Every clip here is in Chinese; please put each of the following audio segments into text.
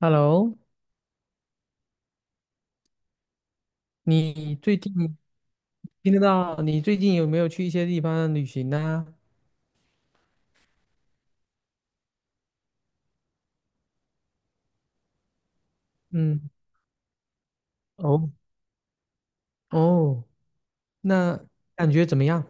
Hello。你最近听得到？你最近有没有去一些地方旅行呢？嗯，哦哦，那感觉怎么样？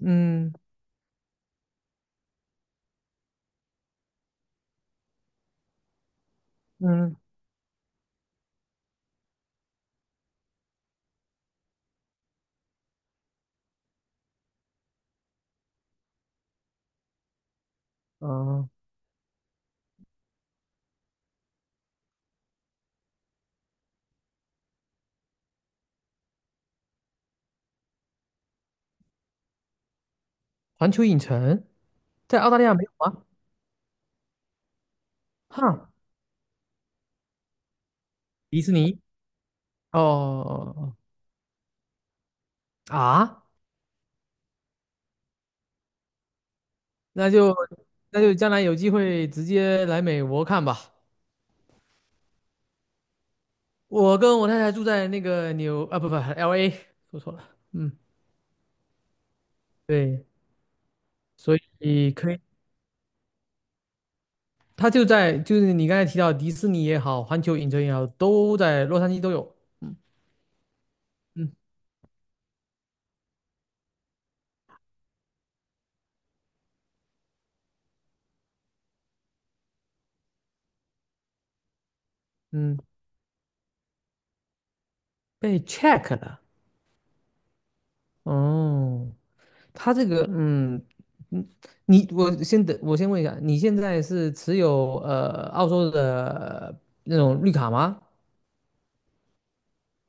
嗯嗯呃，环球影城在澳大利亚没有吗？哈，迪士尼。哦。啊，那就那就将来有机会直接来美国看吧。我跟我太太住在那个纽啊不不 LA，说错了。嗯，对，所以可以。它就在就是你刚才提到迪士尼也好，环球影城也好，都在洛杉矶都有。嗯嗯嗯，被 check 了。哦，它这个嗯嗯，你我先等我先问一下，你现在是持有澳洲的那种绿卡吗？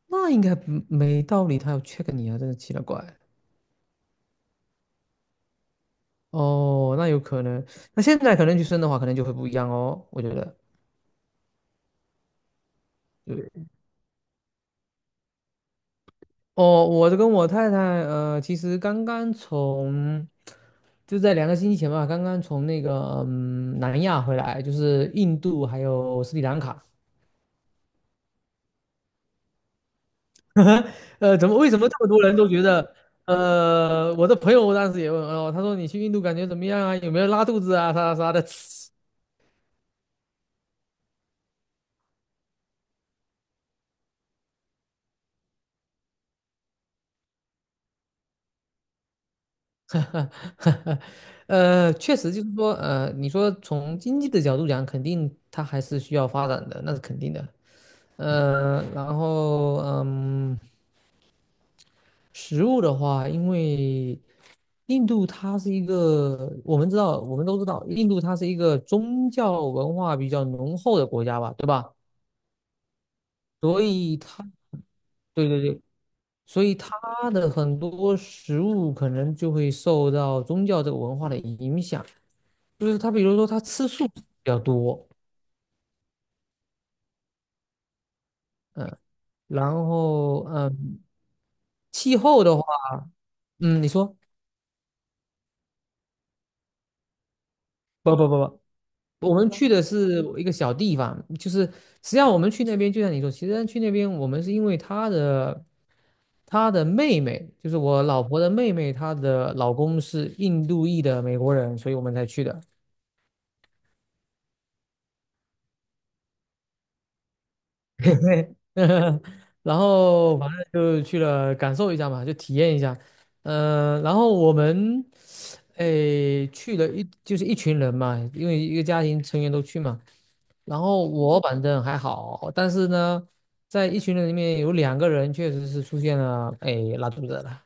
那应该不没道理，他要 check 你啊，真的奇了怪。哦，那有可能。那现在可能去申的话，可能就会不一样哦，我觉得。对。哦，我跟我太太，其实刚刚从就在2个星期前吧，刚刚从那个南亚回来，就是印度还有斯里兰卡。为什么这么多人都觉得？我的朋友当时也问哦，他说你去印度感觉怎么样啊？有没有拉肚子啊？啥啥的。确实就是说，你说从经济的角度讲，肯定它还是需要发展的，那是肯定的。然后食物的话，因为印度它是一个，我们知道，我们都知道，印度它是一个宗教文化比较浓厚的国家吧，对吧？所以它，对对对，所以它的很多食物可能就会受到宗教这个文化的影响。就是它，比如说它吃素比较多。嗯，然后气候的话，你说，不不不不。我们去的是一个小地方，就是实际上我们去那边，就像你说，其实去那边我们是因为他的妹妹，就是我老婆的妹妹，她的老公是印度裔的美国人，所以我们才去的。对。 然后反正就去了感受一下嘛，就体验一下。然后我们哎去了就是一群人嘛，因为一个家庭成员都去嘛。然后我反正还好，但是呢，在一群人里面有两个人确实是出现了，哎，拉肚子了。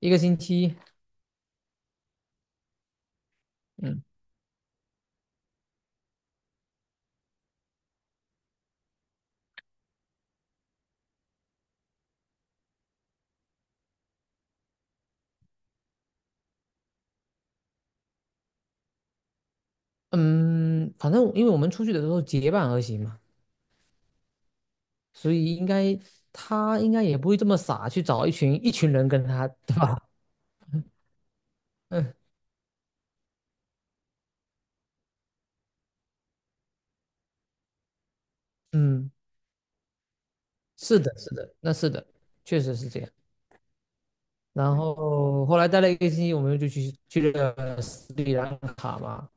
一个星期。嗯嗯，反正因为我们出去的时候结伴而行嘛，所以他应该也不会这么傻去找一群一群人跟他，对吧？嗯嗯，是的，是的，那是的，确实是这样。然后后来待了一个星期，我们就去了斯里兰卡嘛。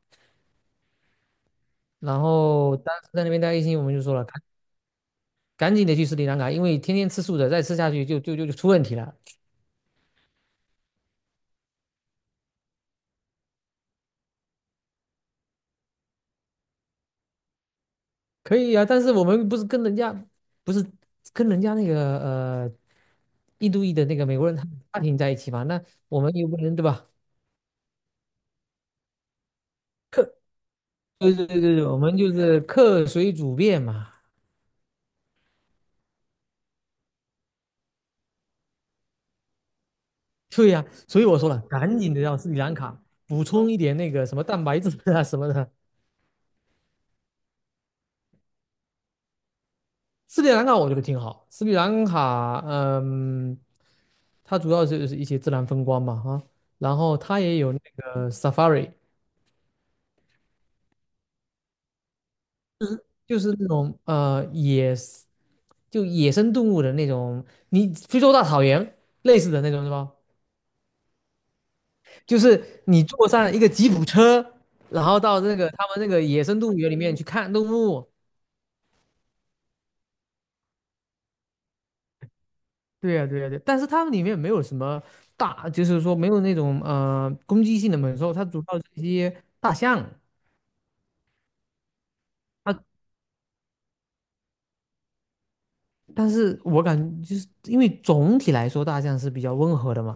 然后当时在那边待一个星期，我们就说了，赶紧的去斯里兰卡，因为天天吃素的再吃下去就出问题了。可以啊，但是我们不是跟人家那个印度裔的那个美国人他们家庭在一起嘛，那我们又不能对吧？对对对对，我们就是客随主便嘛。对呀，所以我说了，赶紧的让斯里兰卡补充一点那个什么蛋白质啊什么的。斯里兰卡我觉得挺好。斯里兰卡它主要就是一些自然风光嘛哈，然后它也有那个 safari。就是那种就野生动物的那种，你非洲大草原类似的那种是吧？就是你坐上一个吉普车，然后到那个他们那个野生动物园里面去看动物。对呀，对呀，对。但是他们里面没有什么大，就是说没有那种攻击性的猛兽，它主要是一些大象。但是我感觉就是因为总体来说大象是比较温和的嘛，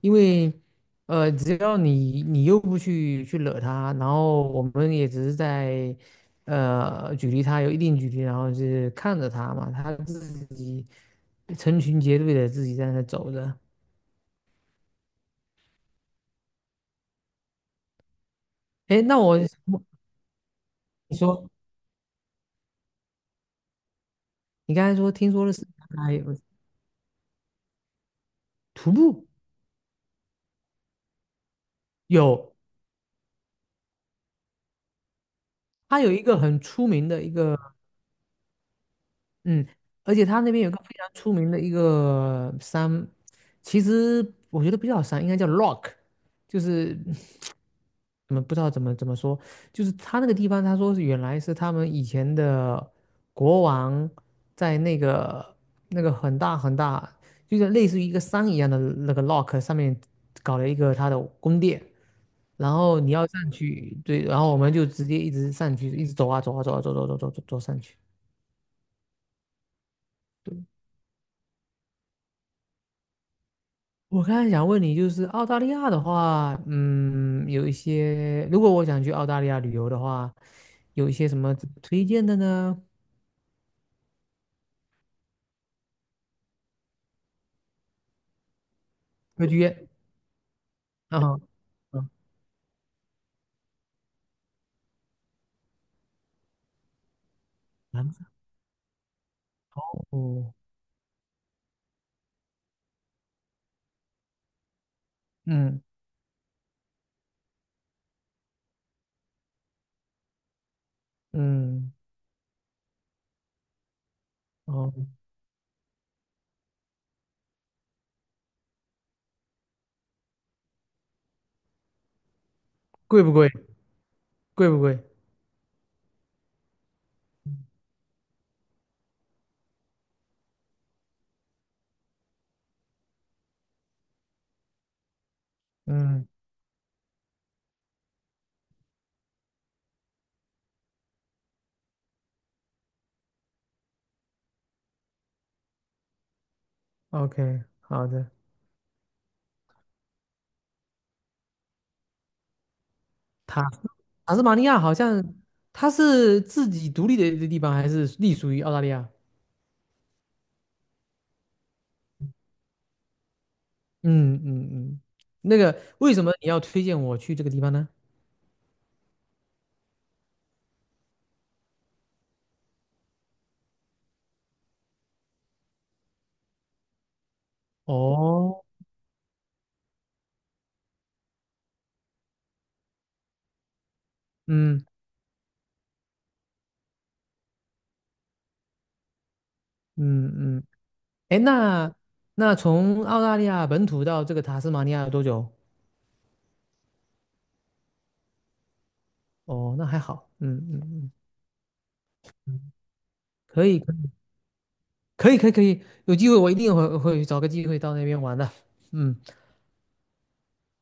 因为只要你又不去惹它，然后我们也只是在距离它有一定距离，然后就是看着它嘛，它自己成群结队的自己在那走着。哎，你说。你刚才听说的是它有徒步，有它有一个很出名的一个。嗯，而且他那边有个非常出名的一个山，其实我觉得不叫山，应该叫 rock，就是不知道怎么说，就是他那个地方，他说是原来是他们以前的国王在那个很大很大，就像类似于一个山一样的那个 rock 上面搞了一个他的宫殿，然后你要上去。对，然后我们就直接一直上去，一直走啊走啊走啊走走走走走走上去。对，我刚才想问你，就是澳大利亚的话，嗯，有一些，如果我想去澳大利亚旅游的话，有一些什么推荐的呢？会去约啊。啊，南法哦。嗯嗯，哦，贵不贵？贵不贵？嗯，OK，好的。塔塔斯马尼亚好像它是自己独立的一个地方，还是隶属于澳大利亚？嗯嗯嗯，那个为什么你要推荐我去这个地方呢？哦，嗯。嗯嗯，哎，那从澳大利亚本土到这个塔斯马尼亚有多久？哦，那还好，嗯嗯嗯。可以可以可以可以，有机会我一定会找个机会到那边玩的。嗯，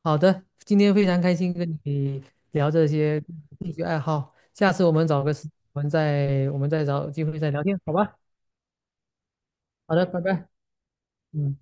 好的，今天非常开心跟你聊这些兴趣爱好，下次我们再找机会再聊天，好吧？好的，拜拜。嗯。